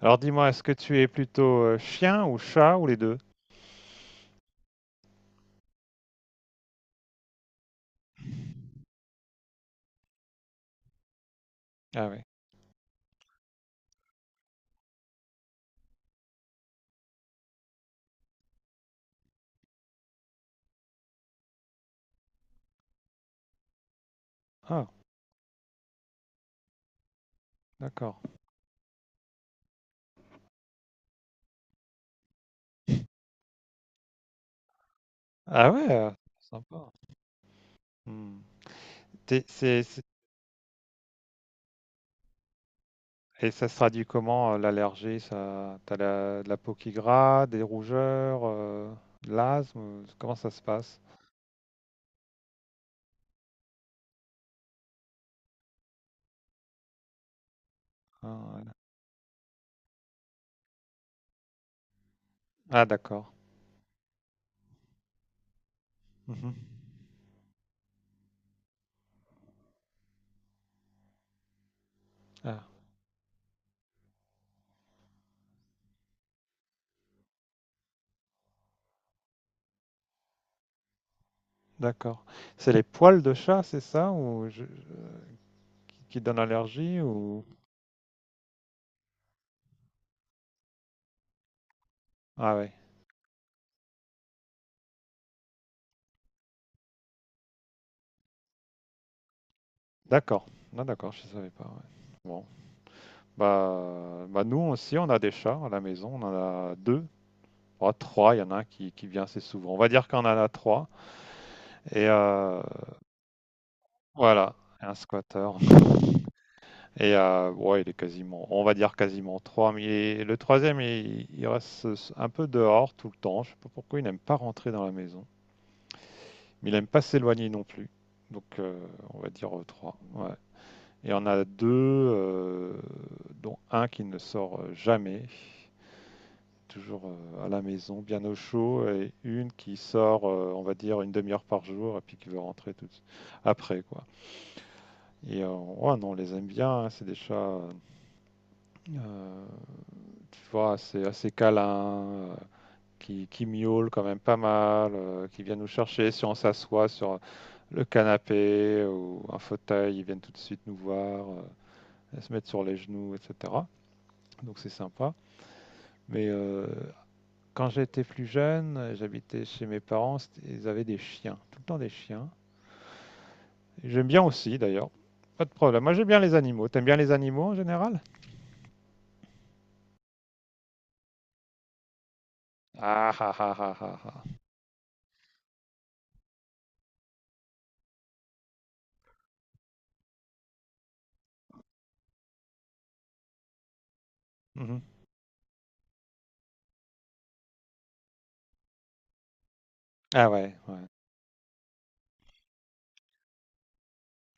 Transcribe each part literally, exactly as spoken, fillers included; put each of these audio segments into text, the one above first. Alors dis-moi, est-ce que tu es plutôt euh, chien ou chat ou les deux? Ah oui. Ah, d'accord. Ah ouais, euh, sympa. Hmm. T'es- c'est- c'est- Et ça se traduit comment euh, l'allergie, ça? T'as la- de la peau qui gratte, des rougeurs, euh, de l'asthme? euh, Comment ça se passe? Ah, ouais. Ah, d'accord. Mhm. Ah, d'accord. C'est les poils de chat, c'est ça, ou je- qui donnent allergie ou... Ah ouais. D'accord. Ah, d'accord, je savais pas. Ouais. Bon. Bah, bah, nous aussi, on a des chats à la maison. On en a deux. Ah, trois. Il y en a un qui, qui vient assez souvent. On va dire qu'on en a trois. Et euh, voilà, un squatter. Et euh, ouais, il est quasiment, on va dire quasiment trois. Mais il est- le troisième, il, il reste un peu dehors tout le temps. Je sais pas pourquoi il n'aime pas rentrer dans la maison. Mais il n'aime pas s'éloigner non plus. Donc, euh, on va dire euh, trois. Ouais. Et on a deux, euh, dont un qui ne sort jamais. Toujours euh, à la maison, bien au chaud, et une qui sort, euh, on va dire, une demi-heure par jour, et puis qui veut rentrer tout après, quoi. Et euh, ouais, non, on les aime bien, hein, c'est des chats, euh, tu vois, assez, assez câlins, euh, qui, qui miaulent quand même pas mal, euh, qui viennent nous chercher si on s'assoit sur le canapé ou un fauteuil, ils viennent tout de suite nous voir, euh, se mettre sur les genoux, et cetera. Donc c'est sympa. Mais euh, quand j'étais plus jeune, euh, j'habitais chez mes parents, c'était- ils avaient des chiens, tout le temps des chiens. J'aime bien aussi d'ailleurs, pas de problème. Moi j'aime bien les animaux. T'aimes bien les animaux en général? Ah ah ah ah ah ah. Mhm. Ah ouais, ouais.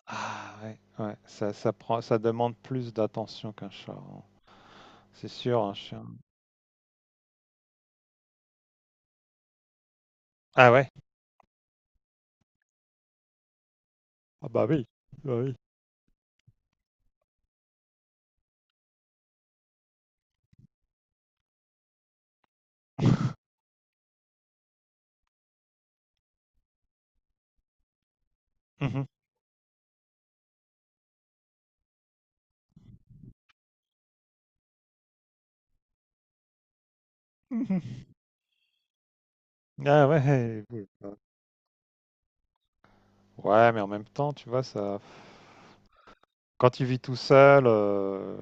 Ah ouais, ouais. Ça, ça prend, ça demande plus d'attention qu'un chat, hein. C'est sûr, un chien. Ah ouais? Ah bah oui, bah oui. Mhm. Mhm. Ah ouais. Ouais, ouais. Ouais, mais en même temps, tu vois, ça. Quand tu vis tout seul, heu,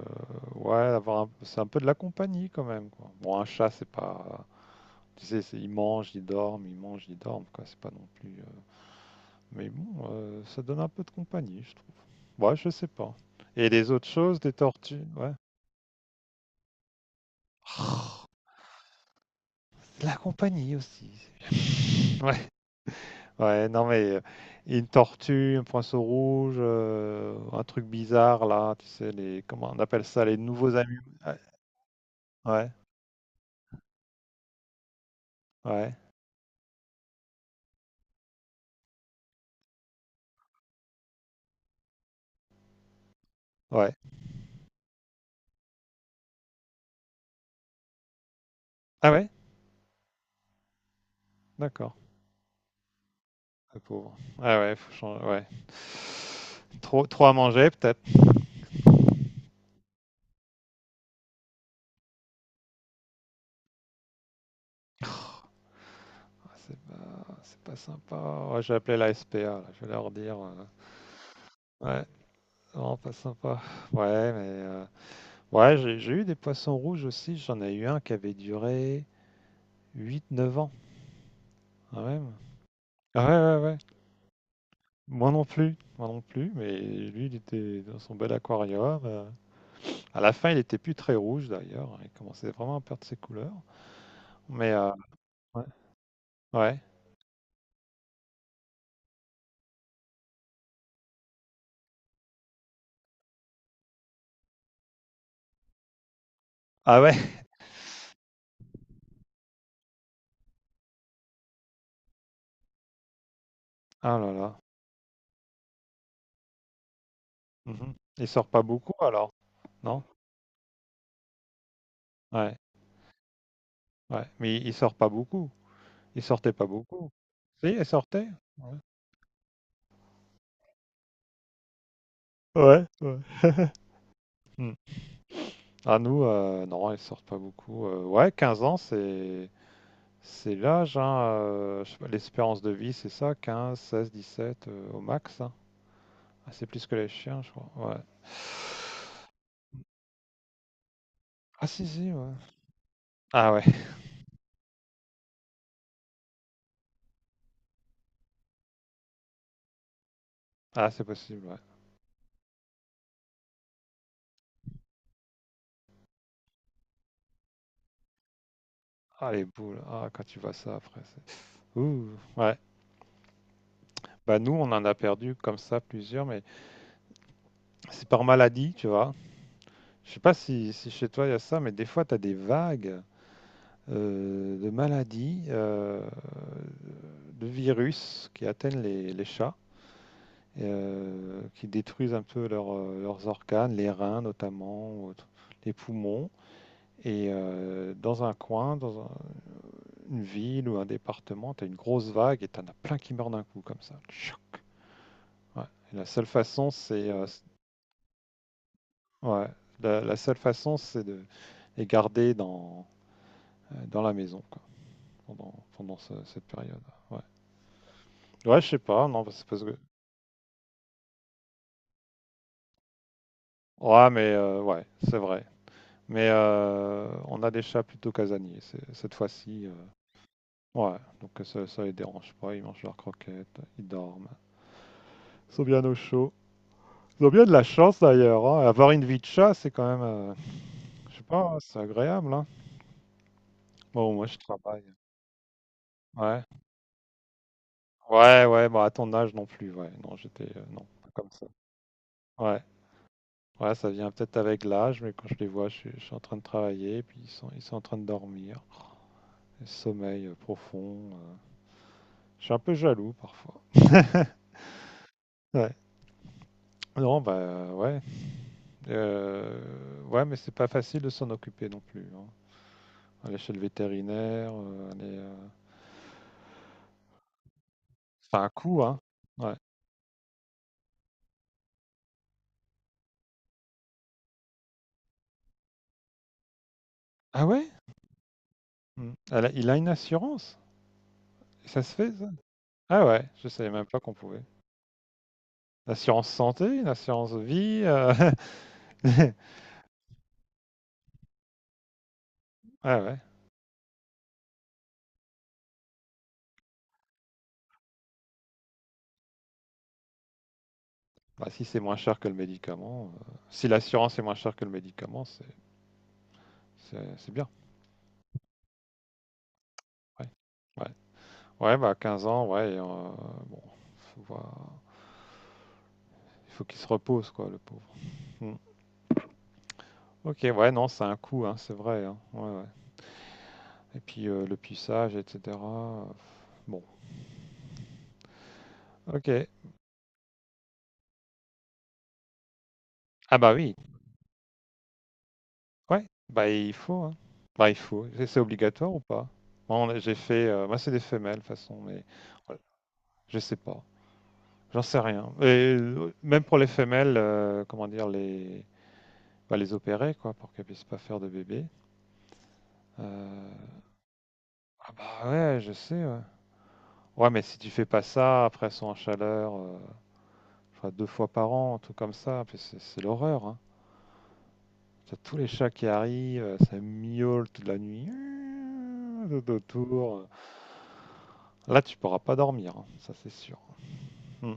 ouais, avoir un c'est un peu de la compagnie quand même, quoi. Bon, un chat, c'est pas tu sais, c'est ils mangent, ils dorment, ils mangent, ils dorment, quoi. C'est pas non plus, heu, mais bon, heu, ça donne un peu de compagnie, je trouve. Ouais, je sais pas. Et les autres choses, des tortues ouais. Oh, de la compagnie aussi, c'est bien. Ouais, ouais, non, mais, heu, une tortue, un poisson rouge, heu, un truc bizarre là, tu sais les comment on appelle ça? Les nouveaux amis. Ouais, ouais, ouais. Ah ouais? D'accord, le pauvre. Ah ouais, faut changer, ouais. Trop, trop à manger, peut-être. Ah, c'est pas, c'est pas sympa. Ouais, j'ai appelé la S P A, là, je vais leur dire. euh, Ouais, c'est vraiment pas sympa. Ouais, mais. Euh, Ouais, j'ai j'ai eu des poissons rouges aussi. J'en ai eu un qui avait duré huit, neuf ans, quand même. Ah ouais, ouais, ouais. Moi non plus, moi non plus, mais lui, il était dans son bel aquarium. euh. À la fin, il était plus très rouge d'ailleurs, hein. Il commençait vraiment à perdre ses couleurs. Mais euh, ouais. Ouais. Ah ouais, ah là là. Mmh mh. Il sort pas beaucoup alors? Non? Ouais, ouais, mais il sort pas beaucoup. Il sortait pas beaucoup. Si, il sortait? Ouais. Ouais, ouais. Mmh. Ah nous, heu, non, ils sortent pas beaucoup, heu, ouais quinze ans c'est c'est l'âge, hein, heu, je sais pas l'espérance de vie, c'est ça quinze seize-dix-sept, heu, au max, hein? Ah c'est plus que les chiens je crois, ouais. Ah si, si, ouais. Ah ouais, ah c'est possible, ouais. Ah les boules, ah quand tu vois ça après c'est ouh, ouais. Bah nous, on en a perdu comme ça plusieurs, mais c'est par maladie, tu vois. Je sais pas si, si chez toi il y a ça, mais des fois tu as des vagues euh, de maladies, euh, de virus qui atteignent les, les chats, euh, qui détruisent un peu leur, euh, leurs organes, les reins notamment, ou autre- les poumons. Et euh, dans un coin, dans un- une ville ou un département, tu as une grosse vague et tu en as plein qui meurent d'un coup comme ça. Tchouk. Ouais. Et la seule façon, c'est euh, Ouais, la, la seule façon, c'est de les garder dans, euh, dans la maison, quoi, pendant, pendant ce- cette période. Ouais, ouais, je sais pas, non, parce parce que... Ouais, mais euh, ouais, c'est vrai. Mais euh, on a des chats plutôt casaniers, c'est- cette fois-ci. Euh, ouais, donc ça, ça les dérange pas, ils mangent leurs croquettes, ils dorment. Ils sont bien au chaud. Ils ont bien de la chance d'ailleurs, hein. Avoir une vie de chat, c'est quand même, euh, je sais pas, c'est agréable, hein. Bon, moi je travaille. Ouais. Ouais, ouais, bah à ton âge non plus, ouais. Non, j'étais euh, non, pas comme ça. Ouais. Ouais, ça vient peut-être avec l'âge, mais quand je les vois, je suis, je suis en train de travailler, puis ils sont, ils sont en train de dormir. Sommeil euh, profond. euh. Je suis un peu jaloux parfois. Ouais. Non, bah ouais. Euh, ouais, mais c'est pas facile de s'en occuper non plus, hein. Aller chez le vétérinaire, euh, aller. Euh, C'est un coup, hein. Ouais. Ah ouais? Hmm. Elle a- il a une assurance? Ça se fait, ça? Ah ouais, je savais même pas qu'on pouvait. Une assurance santé, une assurance vie. euh, Ouais, ouais. Bah, si c'est moins cher que le médicament, euh, si l'assurance est moins chère que le médicament, c'est c'est- c'est bien. Ouais. Ouais. Ouais, bah quinze ans, ouais, et, euh, bon, faut voir. Il faut qu'il se repose, quoi, le pauvre. Hmm. Ok, ouais, non, c'est un coût, hein, c'est vrai, hein. Ouais, ouais. Et puis euh, le puçage, et cetera euh, Bon, ok. Ah bah oui, ouais, bah il faut, hein. Bah il faut. C'est c'est obligatoire ou pas? Moi, on a- j'ai fait, euh, moi c'est des femelles de toute façon, mais voilà. Je sais pas. J'en sais rien. Et euh, même pour les femelles, euh, comment dire, les, bah, les opérer, quoi, pour qu'elles puissent pas faire de bébé. Euh, Ah bah ouais, je sais, ouais. Ouais, mais si tu fais pas ça, après elles sont en chaleur, euh, je crois deux fois par an, un truc comme ça, puis c'est c'est l'horreur, hein. T'as tous les chats qui arrivent, euh, ça miaule toute la nuit, euh, tout autour. Là, tu pourras pas dormir, hein, ça c'est sûr. Hmm.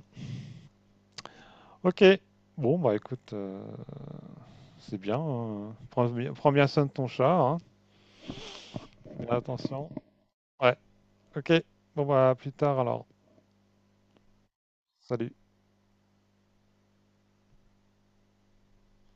Ok. Bon, bah écoute, euh, c'est bien. euh, prends bien, prends bien soin de ton chat, hein. Attention. Ouais, ok. Bon, bah, à plus tard alors. Salut.